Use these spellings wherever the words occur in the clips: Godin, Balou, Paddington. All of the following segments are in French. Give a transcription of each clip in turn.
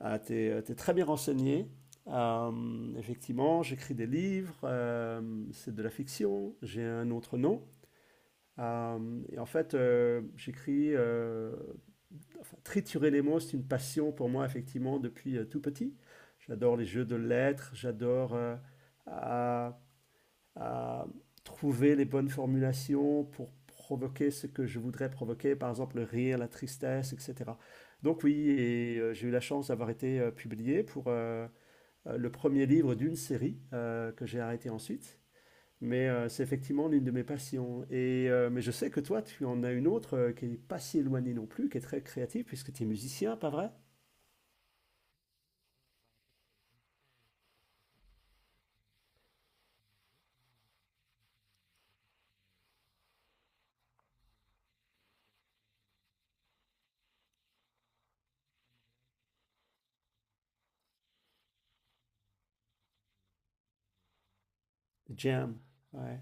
Ah, tu es très bien renseigné. Effectivement, j'écris des livres, c'est de la fiction, j'ai un autre nom. Et en fait, j'écris, enfin, triturer les mots, c'est une passion pour moi, effectivement, depuis tout petit. J'adore les jeux de lettres, j'adore à à trouver les bonnes formulations pour provoquer ce que je voudrais provoquer, par exemple le rire, la tristesse, etc. Donc oui, et j'ai eu la chance d'avoir été publié pour le premier livre d'une série que j'ai arrêté ensuite. Mais c'est effectivement l'une de mes passions. Mais je sais que toi, tu en as une autre qui n'est pas si éloignée non plus, qui est très créative, puisque tu es musicien, pas vrai? Jam. Ouais.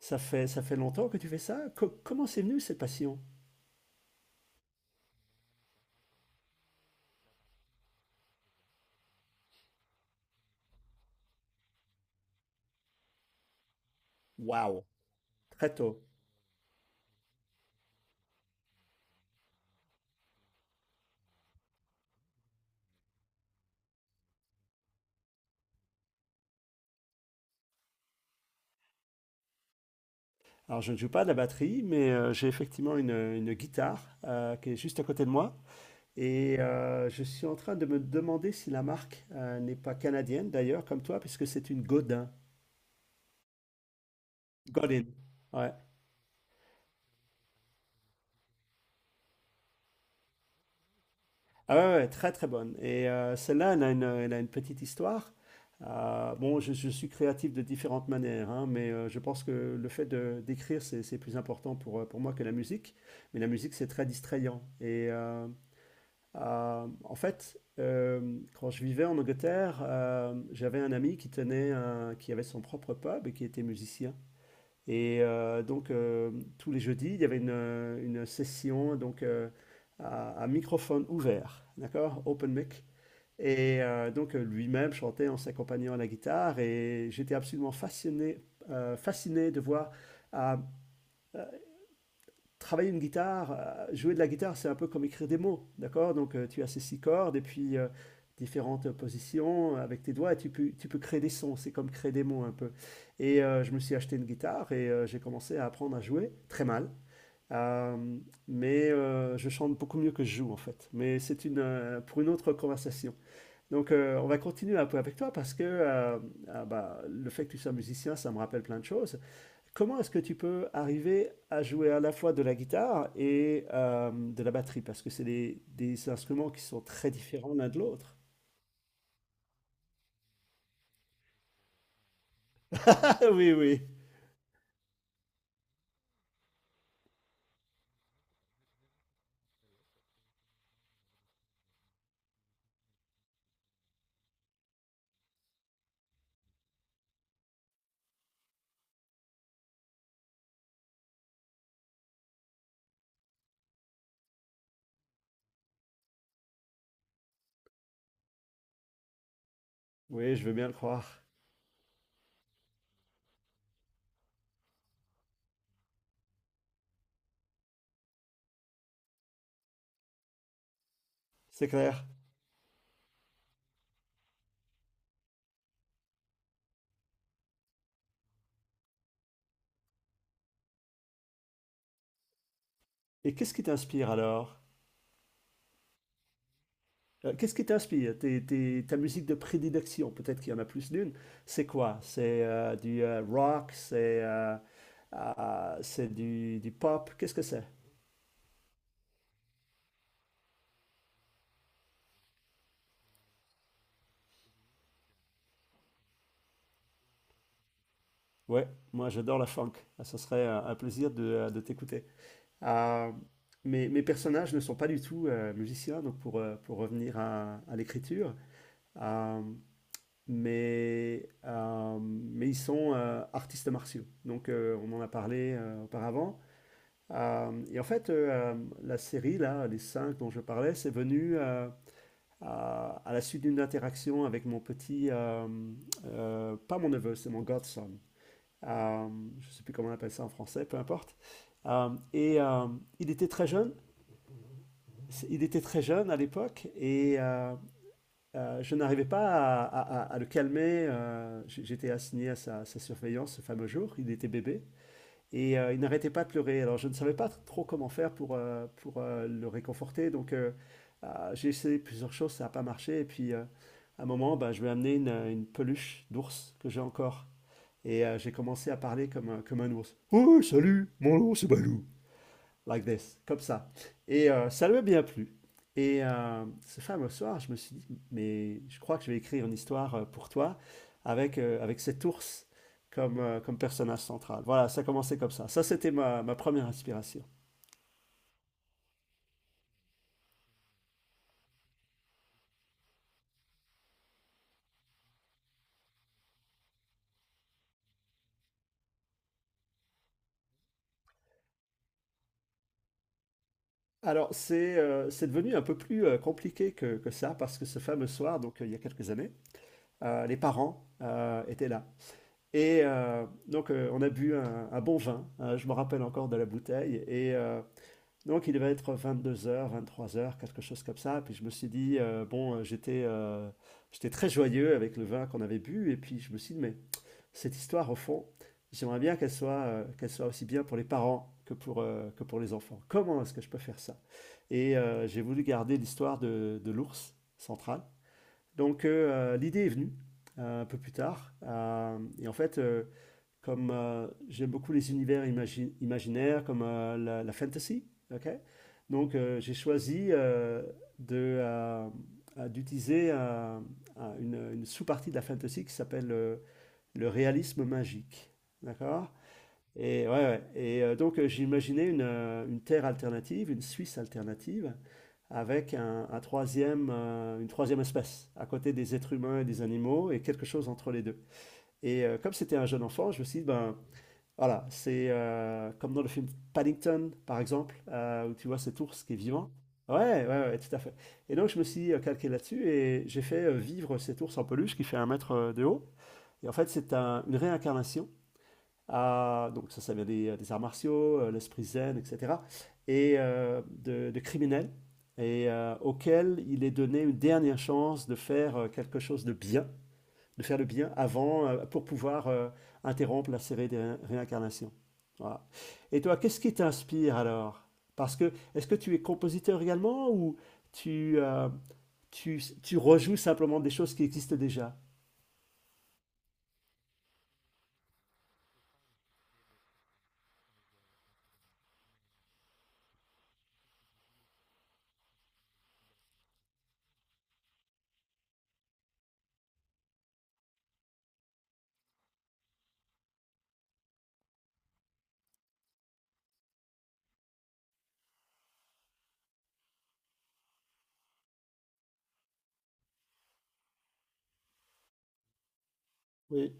Ça fait longtemps que tu fais ça? Comment c'est venu cette passion? Waouh! Très tôt. Alors, je ne joue pas de la batterie, mais j'ai effectivement une guitare qui est juste à côté de moi. Je suis en train de me demander si la marque n'est pas canadienne, d'ailleurs, comme toi, puisque c'est une Godin. Godin. Ouais. Ah ouais, ouais, très très bonne. Celle-là, elle a une petite histoire. Bon, je suis créatif de différentes manières, hein, mais je pense que le fait de d'écrire, c'est plus important pour moi que la musique. Mais la musique, c'est très distrayant. Et en fait, quand je vivais en Angleterre, j'avais un ami qui avait son propre pub et qui était musicien. Et euh, donc euh, Tous les jeudis, il y avait une session à microphone ouvert, d'accord, open mic. Lui-même chantait en s'accompagnant à la guitare. Et j'étais absolument fasciné de voir. À travailler une guitare, jouer de la guitare, c'est un peu comme écrire des mots, d'accord? Tu as ces six cordes et puis différentes positions avec tes doigts et tu peux créer des sons, c'est comme créer des mots un peu. Je me suis acheté une guitare et j'ai commencé à apprendre à jouer très mal. Euh, mais je chante beaucoup mieux que je joue en fait. Mais c'est pour une autre conversation. On va continuer un peu avec toi parce que ah bah, le fait que tu sois musicien, ça me rappelle plein de choses. Comment est-ce que tu peux arriver à jouer à la fois de la guitare et de la batterie? Parce que c'est des instruments qui sont très différents l'un de l'autre. Ah oui, oui, oui, je veux bien le croire. C'est clair. Et qu'est-ce qui t'inspire alors? Qu'est-ce qui t'inspire? Ta musique de prédilection, peut-être qu'il y en a plus d'une. C'est quoi? C'est du rock, ah, c'est du pop. Qu'est-ce que c'est? Ouais, moi j'adore la funk. Ah, ça serait un plaisir de t'écouter. Euh, mes personnages ne sont pas du tout musiciens, donc pour revenir à l'écriture, euh, mais ils sont artistes martiaux. On en a parlé auparavant. La série, là, les cinq dont je parlais, c'est venu à la suite d'une interaction avec mon petit, pas mon neveu, c'est mon godson. Euh, je ne sais plus comment on appelle ça en français, peu importe. Euh, et euh, il était très jeune, Il était très jeune à l'époque et je n'arrivais pas à le calmer. J'étais assigné à sa surveillance ce fameux jour. Il était bébé et il n'arrêtait pas de pleurer. Alors je ne savais pas trop comment faire pour le réconforter. J'ai essayé plusieurs choses, ça n'a pas marché. Et puis à un moment, ben, je lui ai amené une peluche d'ours que j'ai encore. J'ai commencé à parler comme un ours. Oh, salut, mon ours, c'est Balou like this, comme ça. Ça lui a bien plu. Ce fameux soir, je me suis dit, mais je crois que je vais écrire une histoire pour toi avec cet ours comme personnage central. Voilà, ça commençait comme ça. Ça, c'était ma première inspiration. Alors, c'est devenu un peu plus compliqué que ça, parce que ce fameux soir, il y a quelques années, les parents étaient là. On a bu un bon vin. Je me rappelle encore de la bouteille. Et donc il devait être 22 h, 23 h, quelque chose comme ça. Puis je me suis dit, bon, j'étais très joyeux avec le vin qu'on avait bu. Et puis je me suis dit, mais cette histoire, au fond, j'aimerais bien qu'elle soit aussi bien pour les parents que pour les enfants. Comment est-ce que je peux faire ça? J'ai voulu garder l'histoire de l'ours central. L'idée est venue un peu plus tard. Comme j'aime beaucoup les univers imaginaires, comme la fantasy. OK. Donc, j'ai choisi de, euh, d'utiliser une sous-partie de la fantasy qui s'appelle le réalisme magique. D'accord? Et, ouais, ouais. J'ai imaginé une Terre alternative, une Suisse alternative, avec une troisième espèce, à côté des êtres humains et des animaux, et quelque chose entre les deux. Comme c'était un jeune enfant, je me suis dit, ben, voilà, c'est comme dans le film Paddington, par exemple, où tu vois cet ours qui est vivant. Ouais, ouais, ouais, ouais, tout à fait. Et donc, je me suis calqué là-dessus et j'ai fait vivre cet ours en peluche qui fait 1 mètre de haut. Et en fait, c'est une réincarnation. Donc, ça vient des arts martiaux, l'esprit zen, etc. De criminels, et auquel il est donné une dernière chance de faire quelque chose de bien de faire le bien avant pour pouvoir interrompre la série des réincarnations. Voilà. Et toi, qu'est-ce qui t'inspire alors? Parce que est-ce que tu es compositeur également, ou tu, euh, tu rejoues simplement des choses qui existent déjà? Oui,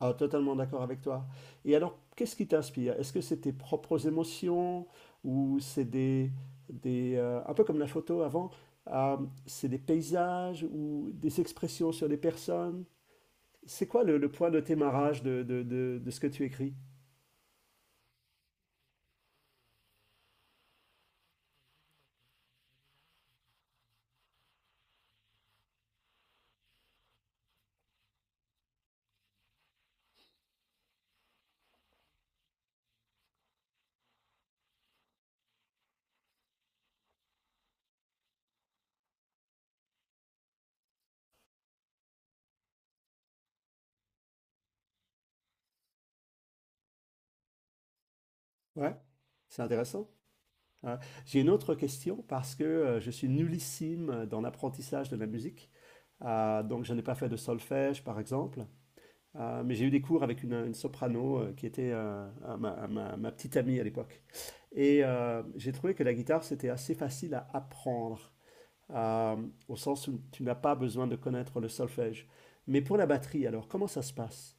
ah, totalement d'accord avec toi. Et alors, qu'est-ce qui t'inspire? Est-ce que c'est tes propres émotions ou c'est des, un peu comme la photo avant, euh, c'est des paysages ou des expressions sur des personnes? C'est quoi le point de démarrage de ce que tu écris? Ouais, c'est intéressant. Ouais. J'ai une autre question parce que je suis nullissime dans l'apprentissage de la musique. Donc, je n'ai pas fait de solfège, par exemple. Mais j'ai eu des cours avec une soprano qui était ma petite amie à l'époque. J'ai trouvé que la guitare, c'était assez facile à apprendre, euh, au sens où tu n'as pas besoin de connaître le solfège. Mais pour la batterie, alors, comment ça se passe?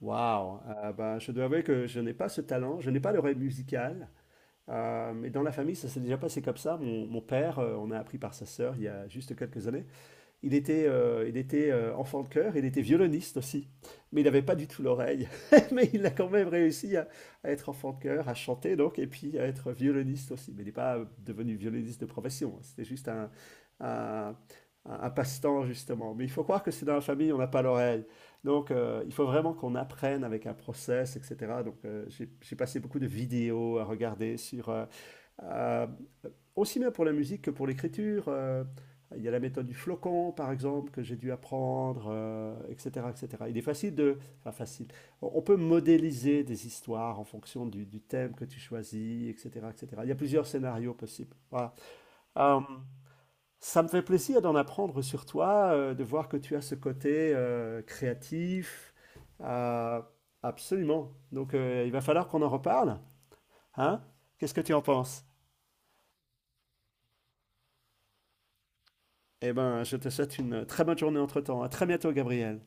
Waouh! Ben, je dois avouer que je n'ai pas ce talent, je n'ai pas l'oreille musicale, mais dans la famille, ça s'est déjà passé comme ça. Mon père, on a appris par sa sœur il y a juste quelques années. Il était enfant de chœur, il était violoniste aussi, mais il n'avait pas du tout l'oreille. Mais il a quand même réussi à être enfant de chœur, à chanter donc, et puis à être violoniste aussi. Mais il n'est pas devenu violoniste de profession, hein. C'était juste un, un passe-temps justement. Mais il faut croire que c'est dans la famille, on n'a pas l'oreille. Il faut vraiment qu'on apprenne avec un process, etc. J'ai passé beaucoup de vidéos à regarder sur euh, aussi bien pour la musique que pour l'écriture. Il y a la méthode du flocon, par exemple, que j'ai dû apprendre, etc., etc. Il est facile de. Enfin, facile. On peut modéliser des histoires en fonction du thème que tu choisis, etc., etc. Il y a plusieurs scénarios possibles. Voilà. Euh, Ça me fait plaisir d'en apprendre sur toi, de voir que tu as ce côté créatif. Euh, Absolument. Donc, il va falloir qu'on en reparle. Hein? Qu'est-ce que tu en penses? Eh ben, je te souhaite une très bonne journée entre-temps. À très bientôt, Gabriel.